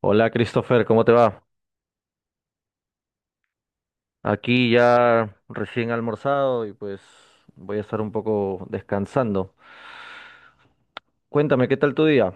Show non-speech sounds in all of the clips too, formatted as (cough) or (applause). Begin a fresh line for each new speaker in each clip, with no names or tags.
Hola Christopher, ¿cómo te va? Aquí ya recién almorzado y pues voy a estar un poco descansando. Cuéntame, ¿qué tal tu día?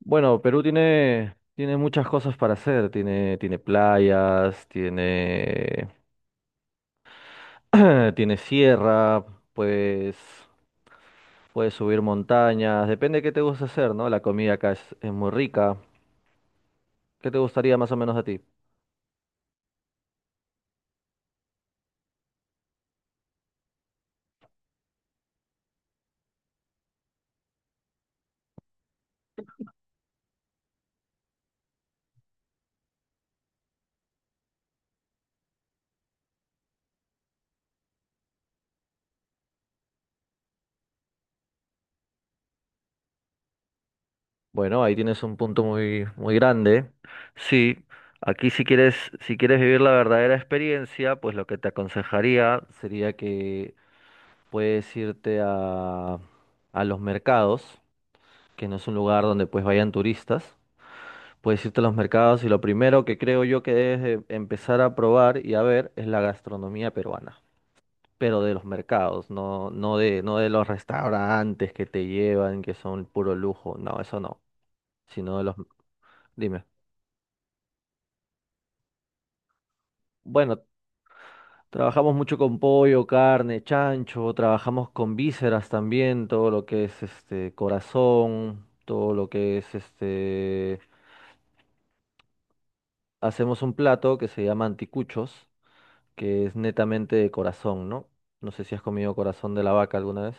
Bueno, Perú tiene muchas cosas para hacer. Tiene playas, tiene, (clears throat) tiene sierra, puedes, puedes subir montañas. Depende de qué te gusta hacer, ¿no? La comida acá es muy rica. ¿Qué te gustaría más o menos a ti? Bueno, ahí tienes un punto muy, muy grande. Sí, aquí si quieres, si quieres vivir la verdadera experiencia, pues lo que te aconsejaría sería que puedes irte a los mercados, que no es un lugar donde pues vayan turistas. Puedes irte a los mercados y lo primero que creo yo que debes de empezar a probar y a ver es la gastronomía peruana, pero de los mercados, no, no de los restaurantes que te llevan, que son puro lujo, no, eso no, sino de los... Dime. Bueno, trabajamos mucho con pollo, carne, chancho, trabajamos con vísceras también, todo lo que es este corazón, todo lo que es este. Hacemos un plato que se llama anticuchos, que es netamente de corazón, ¿no? No sé si has comido corazón de la vaca alguna vez.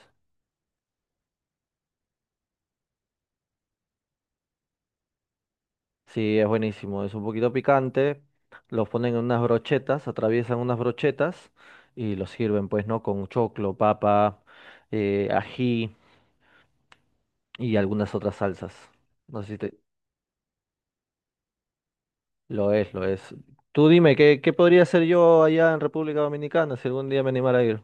Sí, es buenísimo, es un poquito picante, los ponen en unas brochetas, atraviesan unas brochetas y los sirven, pues, ¿no? Con choclo, papa, ají y algunas otras salsas. No sé si te- Lo es, lo es. Tú dime, ¿qué podría hacer yo allá en República Dominicana si algún día me animara a ir?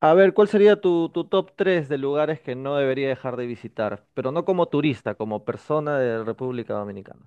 A ver, ¿cuál sería tu, tu top 3 de lugares que no debería dejar de visitar? Pero no como turista, como persona de República Dominicana.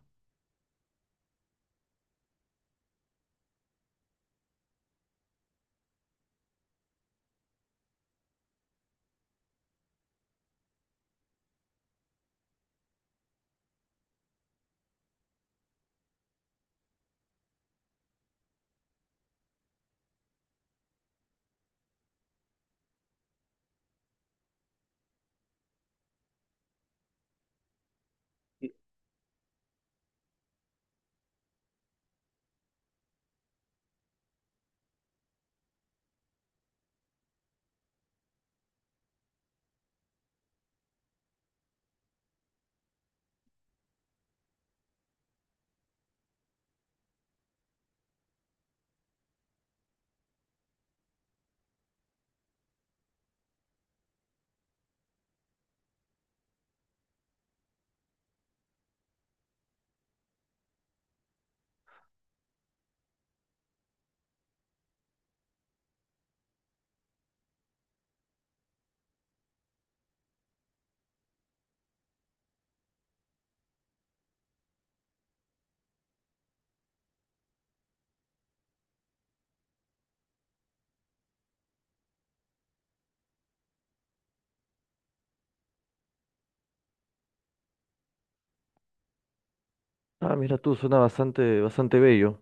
Ah, mira tú, suena bastante, bastante bello.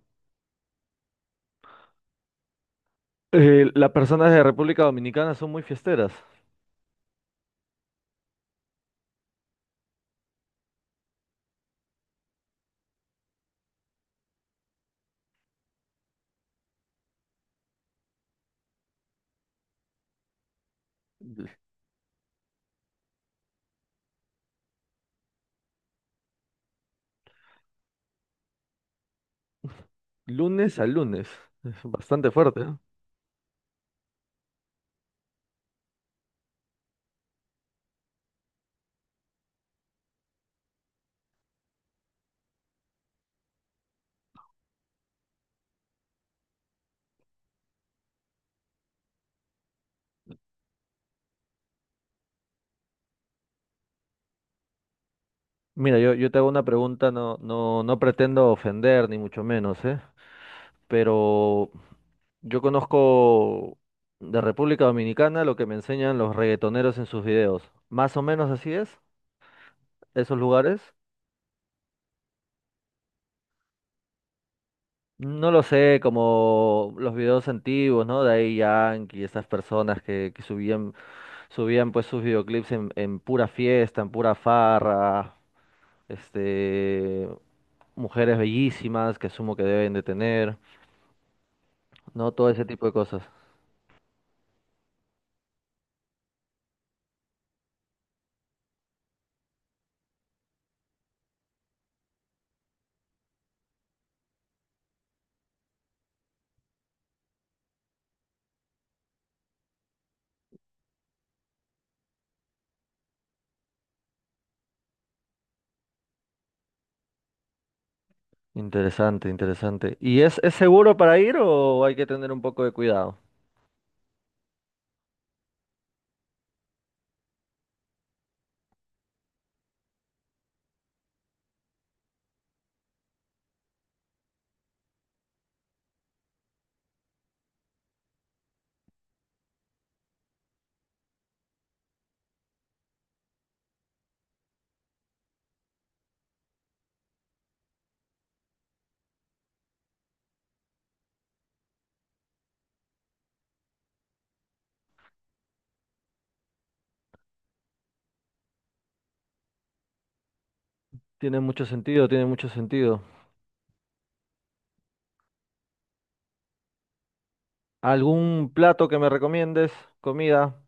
Las personas de República Dominicana son muy fiesteras. (laughs) L- Lunes a lunes. Es bastante fuerte, ¿no? Mira, yo te hago una pregunta, no pretendo ofender, ni mucho menos, ¿eh? Pero yo conozco de República Dominicana lo que me enseñan los reggaetoneros en sus videos. Más o menos así es, esos lugares. No lo sé, como los videos antiguos, ¿no? De ahí Yankee, esas personas que subían, subían pues sus videoclips en pura fiesta, en pura farra, este, mujeres bellísimas que asumo que deben de tener, ¿no? Todo ese tipo de cosas. Interesante, interesante. ¿Y es seguro para ir o hay que tener un poco de cuidado? Tiene mucho sentido, tiene mucho sentido. ¿Algún plato que me recomiendes? Comida.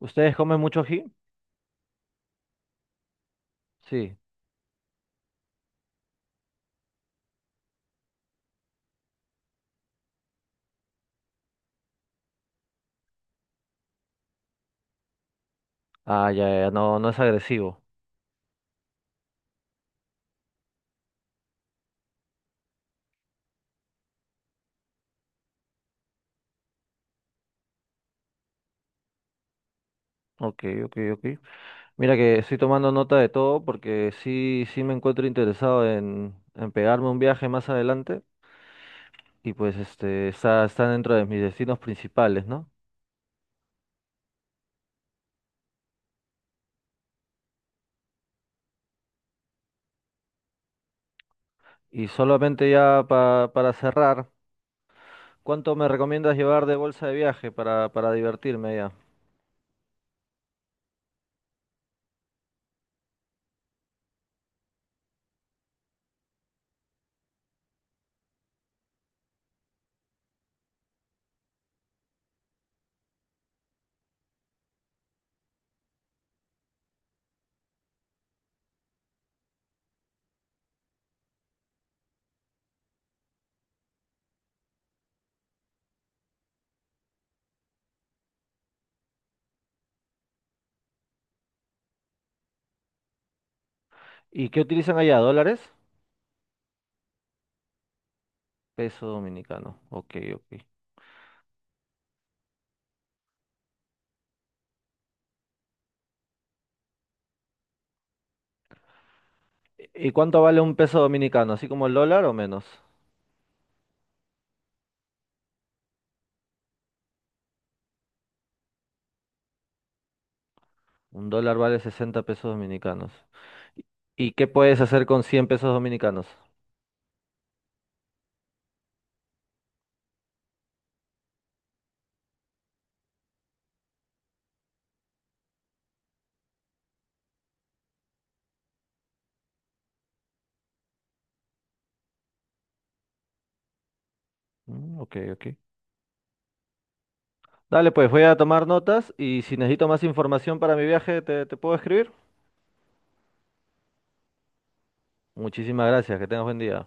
¿Ustedes comen mucho ají? Sí. Ah, ya, ya, no, no es agresivo. Ok, ok, ok. Mira que estoy tomando nota de todo porque sí, sí me encuentro interesado en pegarme un viaje más adelante y pues este está, está dentro de mis destinos principales, ¿no? Y solamente ya pa- para cerrar. ¿Cuánto me recomiendas llevar de bolsa de viaje para divertirme allá? ¿Y qué utilizan allá? ¿Dólares? Peso dominicano. Ok, ok. ¿Y cuánto vale un peso dominicano? ¿Así como el dólar o menos? Un dólar vale 60 pesos dominicanos. ¿Y qué puedes hacer con 100 pesos dominicanos? Mm, ok, ok. Dale, pues voy a tomar notas y si necesito más información para mi viaje, te puedo escribir. Muchísimas gracias, que tengas buen día.